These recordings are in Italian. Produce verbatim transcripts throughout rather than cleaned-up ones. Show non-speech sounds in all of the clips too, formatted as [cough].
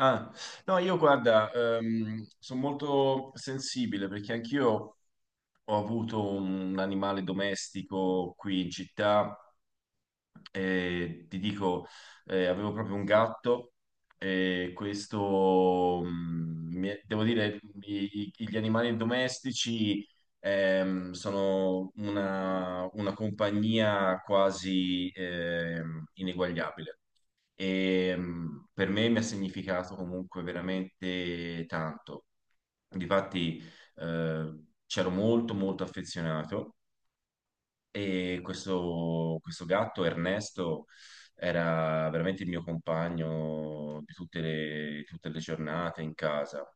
Ah, no, io guarda, sono molto sensibile perché anch'io ho avuto un animale domestico qui in città e ti dico, eh, avevo proprio un gatto e questo, mm, mi è- devo dire, i- i- gli animali domestici ehm, sono una, una compagnia quasi ehm, ineguagliabile e mh, per me mi ha significato comunque veramente tanto. Difatti, eh, c'ero molto molto affezionato e questo, questo gatto Ernesto era veramente il mio compagno di tutte le, tutte le giornate in casa.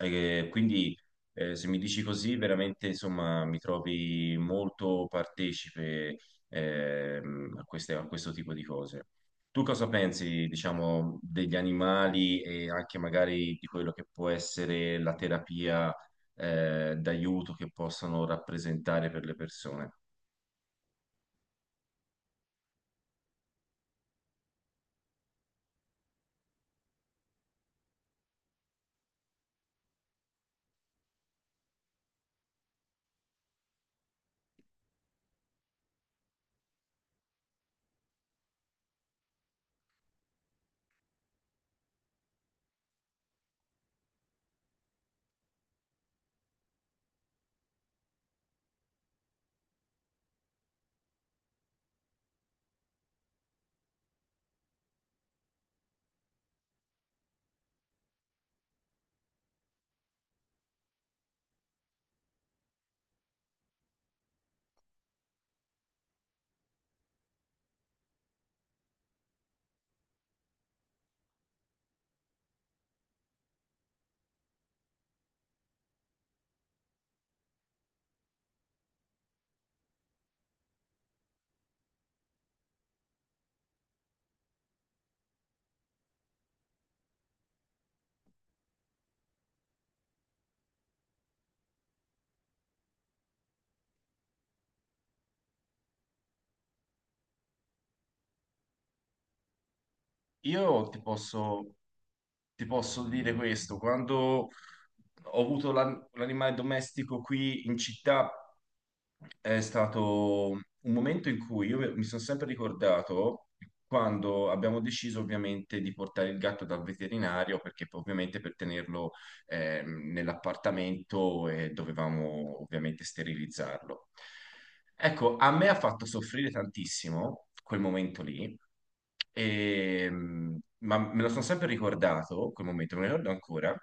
E quindi eh, se mi dici così, veramente insomma, mi trovi molto partecipe ehm, a queste- a questo tipo di cose. Tu cosa pensi, diciamo, degli animali e anche magari di quello che può essere la terapia eh, d'aiuto che possono rappresentare per le persone? Io ti posso, ti posso dire questo, quando ho avuto l'an- l'animale domestico qui in città, è stato un momento in cui io mi sono sempre ricordato quando abbiamo deciso ovviamente di portare il gatto dal veterinario perché poi, ovviamente per tenerlo ehm, nell'appartamento e dovevamo ovviamente sterilizzarlo. Ecco, a me ha fatto soffrire tantissimo quel momento lì, e, mm, ma me lo sono sempre ricordato, quel momento, me lo ricordo ancora,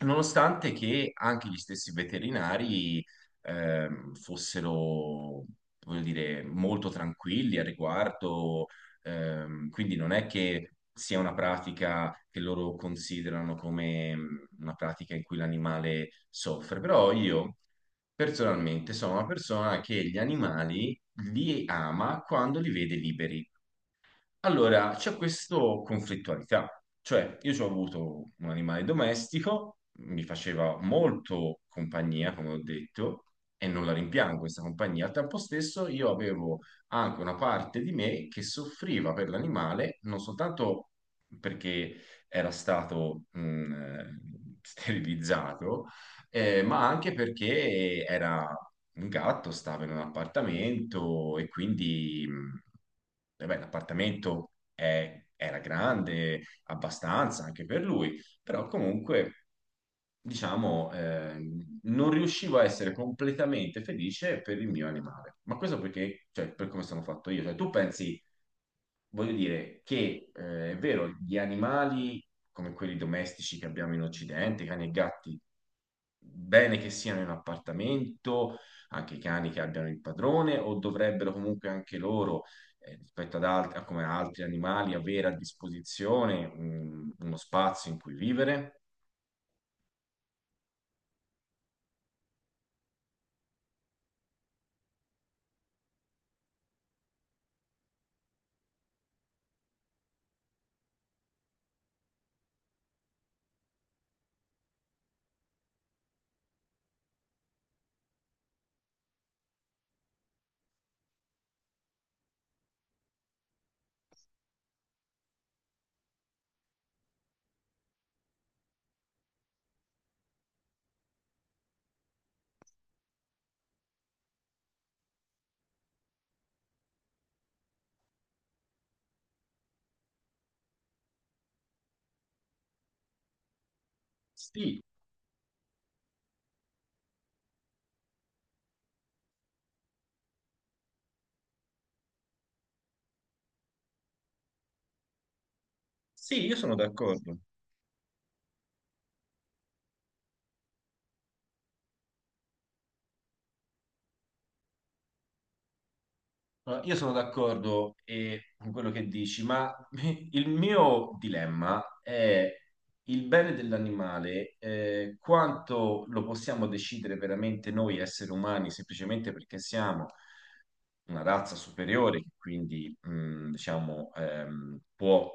nonostante che anche gli stessi veterinari ehm, fossero, voglio dire, molto tranquilli al riguardo. Ehm, quindi non è che sia una pratica che loro considerano come mh, una pratica in cui l'animale soffre, però io personalmente sono una persona che gli animali li ama quando li vede liberi. Allora, c'è questa conflittualità, cioè io ci ho avuto un animale domestico, mi faceva molto compagnia, come ho detto, e non la rimpiango questa compagnia. Al tempo stesso io avevo anche una parte di me che soffriva per l'animale, non soltanto perché era stato mh, eh, [laughs] sterilizzato, eh, ma anche perché era un gatto, stava in un appartamento e quindi... mh, eh beh, l'appartamento è- era grande abbastanza anche per lui, però comunque, diciamo, ehm, non riuscivo a essere completamente felice per il mio animale. Ma questo perché, cioè, per come sono fatto io. Cioè, tu pensi, voglio dire, che eh, è vero, gli animali come quelli domestici che abbiamo in Occidente, cani e gatti, bene che siano in appartamento, anche i cani che abbiano il padrone, o dovrebbero comunque anche loro, eh, rispetto ad altri, a come altri animali, avere a disposizione un- uno spazio in cui vivere? Sì, sì, io sono d'accordo. No, io sono d'accordo eh, con quello che dici, ma [laughs] il mio dilemma è il bene dell'animale, eh, quanto lo possiamo decidere veramente noi esseri umani, semplicemente perché siamo una razza superiore, che quindi mh, diciamo, ehm, può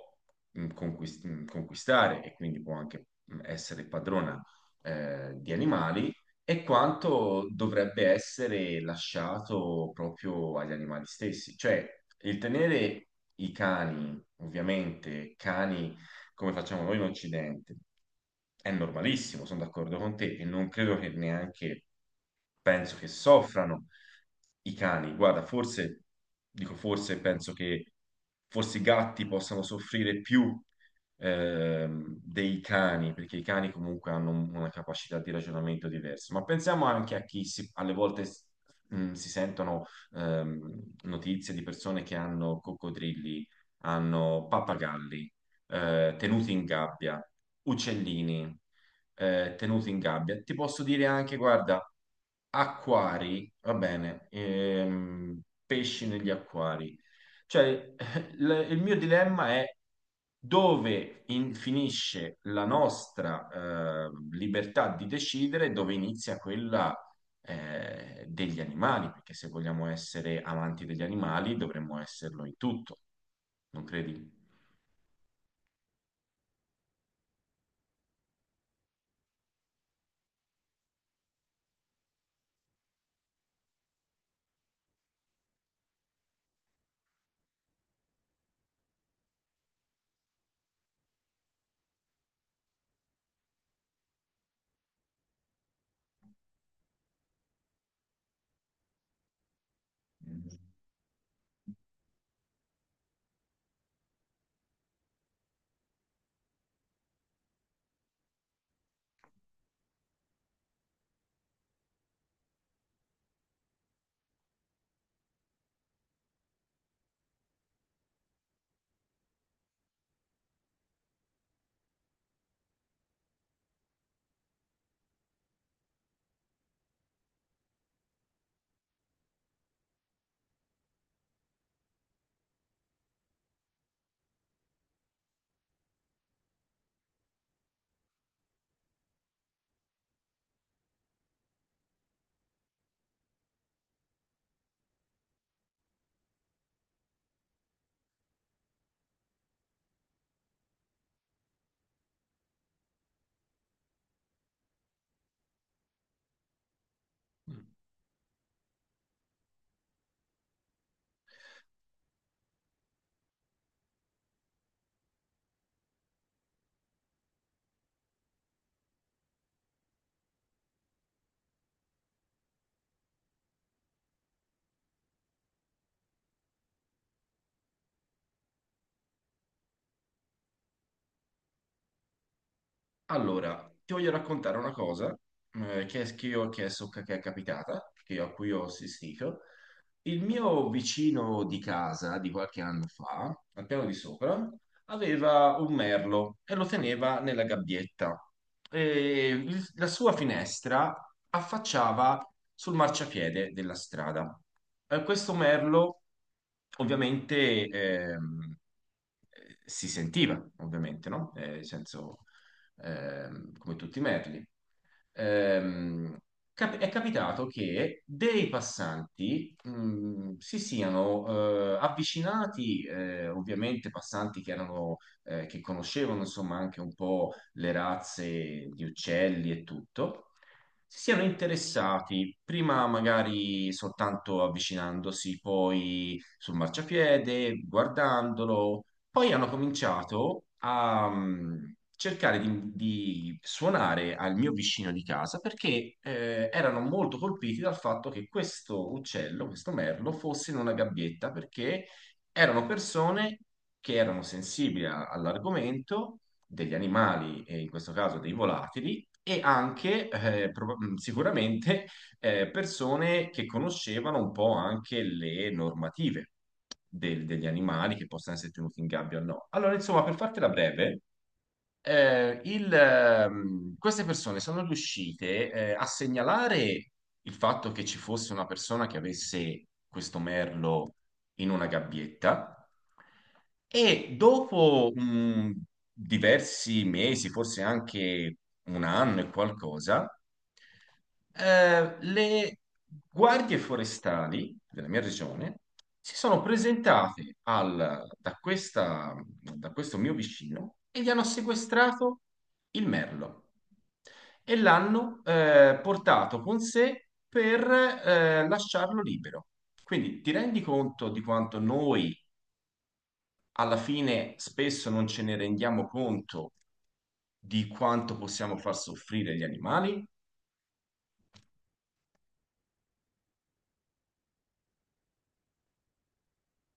mh, conquist- mh, conquistare e quindi può anche mh, essere padrona eh, di animali e quanto dovrebbe essere lasciato proprio agli animali stessi. Cioè, il tenere i cani, ovviamente, cani come facciamo noi in Occidente, è normalissimo, sono d'accordo con te, e non credo che neanche penso che soffrano i cani. Guarda, forse, dico forse, penso che forse i gatti possano soffrire più ehm, dei cani, perché i cani comunque hanno un- una capacità di ragionamento diversa, ma pensiamo anche a chi si- alle volte s- mh, si sentono ehm, notizie di persone che hanno coccodrilli, hanno pappagalli, eh, tenuti in gabbia, uccellini, eh, tenuti in gabbia. Ti posso dire anche, guarda, acquari, va bene, ehm, pesci negli acquari. Cioè, [laughs] il il mio dilemma è dove in- finisce la nostra eh, libertà di decidere, e dove inizia quella eh, degli animali, perché se vogliamo essere amanti degli animali dovremmo esserlo in tutto, non credi? Mm. Allora, ti voglio raccontare una cosa eh, che, è, che io- che è so- che è capitata, che io- a cui ho assistito. Il mio vicino di casa di qualche anno fa, al piano di sopra, aveva un merlo e lo teneva nella gabbietta. E il- la sua finestra affacciava sul marciapiede della strada. Eh, questo merlo ovviamente ehm, eh, si sentiva, ovviamente, no? Eh, nel senso ehm, come tutti i merli, ehm, cap- è capitato che dei passanti mh, si siano eh, avvicinati, eh, ovviamente passanti che erano, eh, che conoscevano insomma anche un po' le razze di uccelli e tutto. Si siano interessati, prima magari soltanto avvicinandosi, poi sul marciapiede, guardandolo, poi hanno cominciato a mh, cercare di, di suonare al mio vicino di casa perché eh, erano molto colpiti dal fatto che questo uccello, questo merlo, fosse in una gabbietta perché erano persone che erano sensibili a- all'argomento degli animali, e in questo caso dei volatili, e anche eh, proba- mh, sicuramente eh, persone che conoscevano un po' anche le normative del- degli animali che possono essere tenuti in gabbia o no. Allora, insomma, per fartela breve, eh, il, ehm, queste persone sono riuscite, eh, a segnalare il fatto che ci fosse una persona che avesse questo merlo in una gabbietta e dopo mh, diversi mesi, forse anche un anno e qualcosa, eh, le guardie forestali della mia regione si sono presentate al- da questa- da questo mio vicino e gli hanno sequestrato il merlo e l'hanno eh, portato con sé per eh, lasciarlo libero. Quindi ti rendi conto di quanto noi alla fine spesso non ce ne rendiamo conto di quanto possiamo far soffrire gli animali?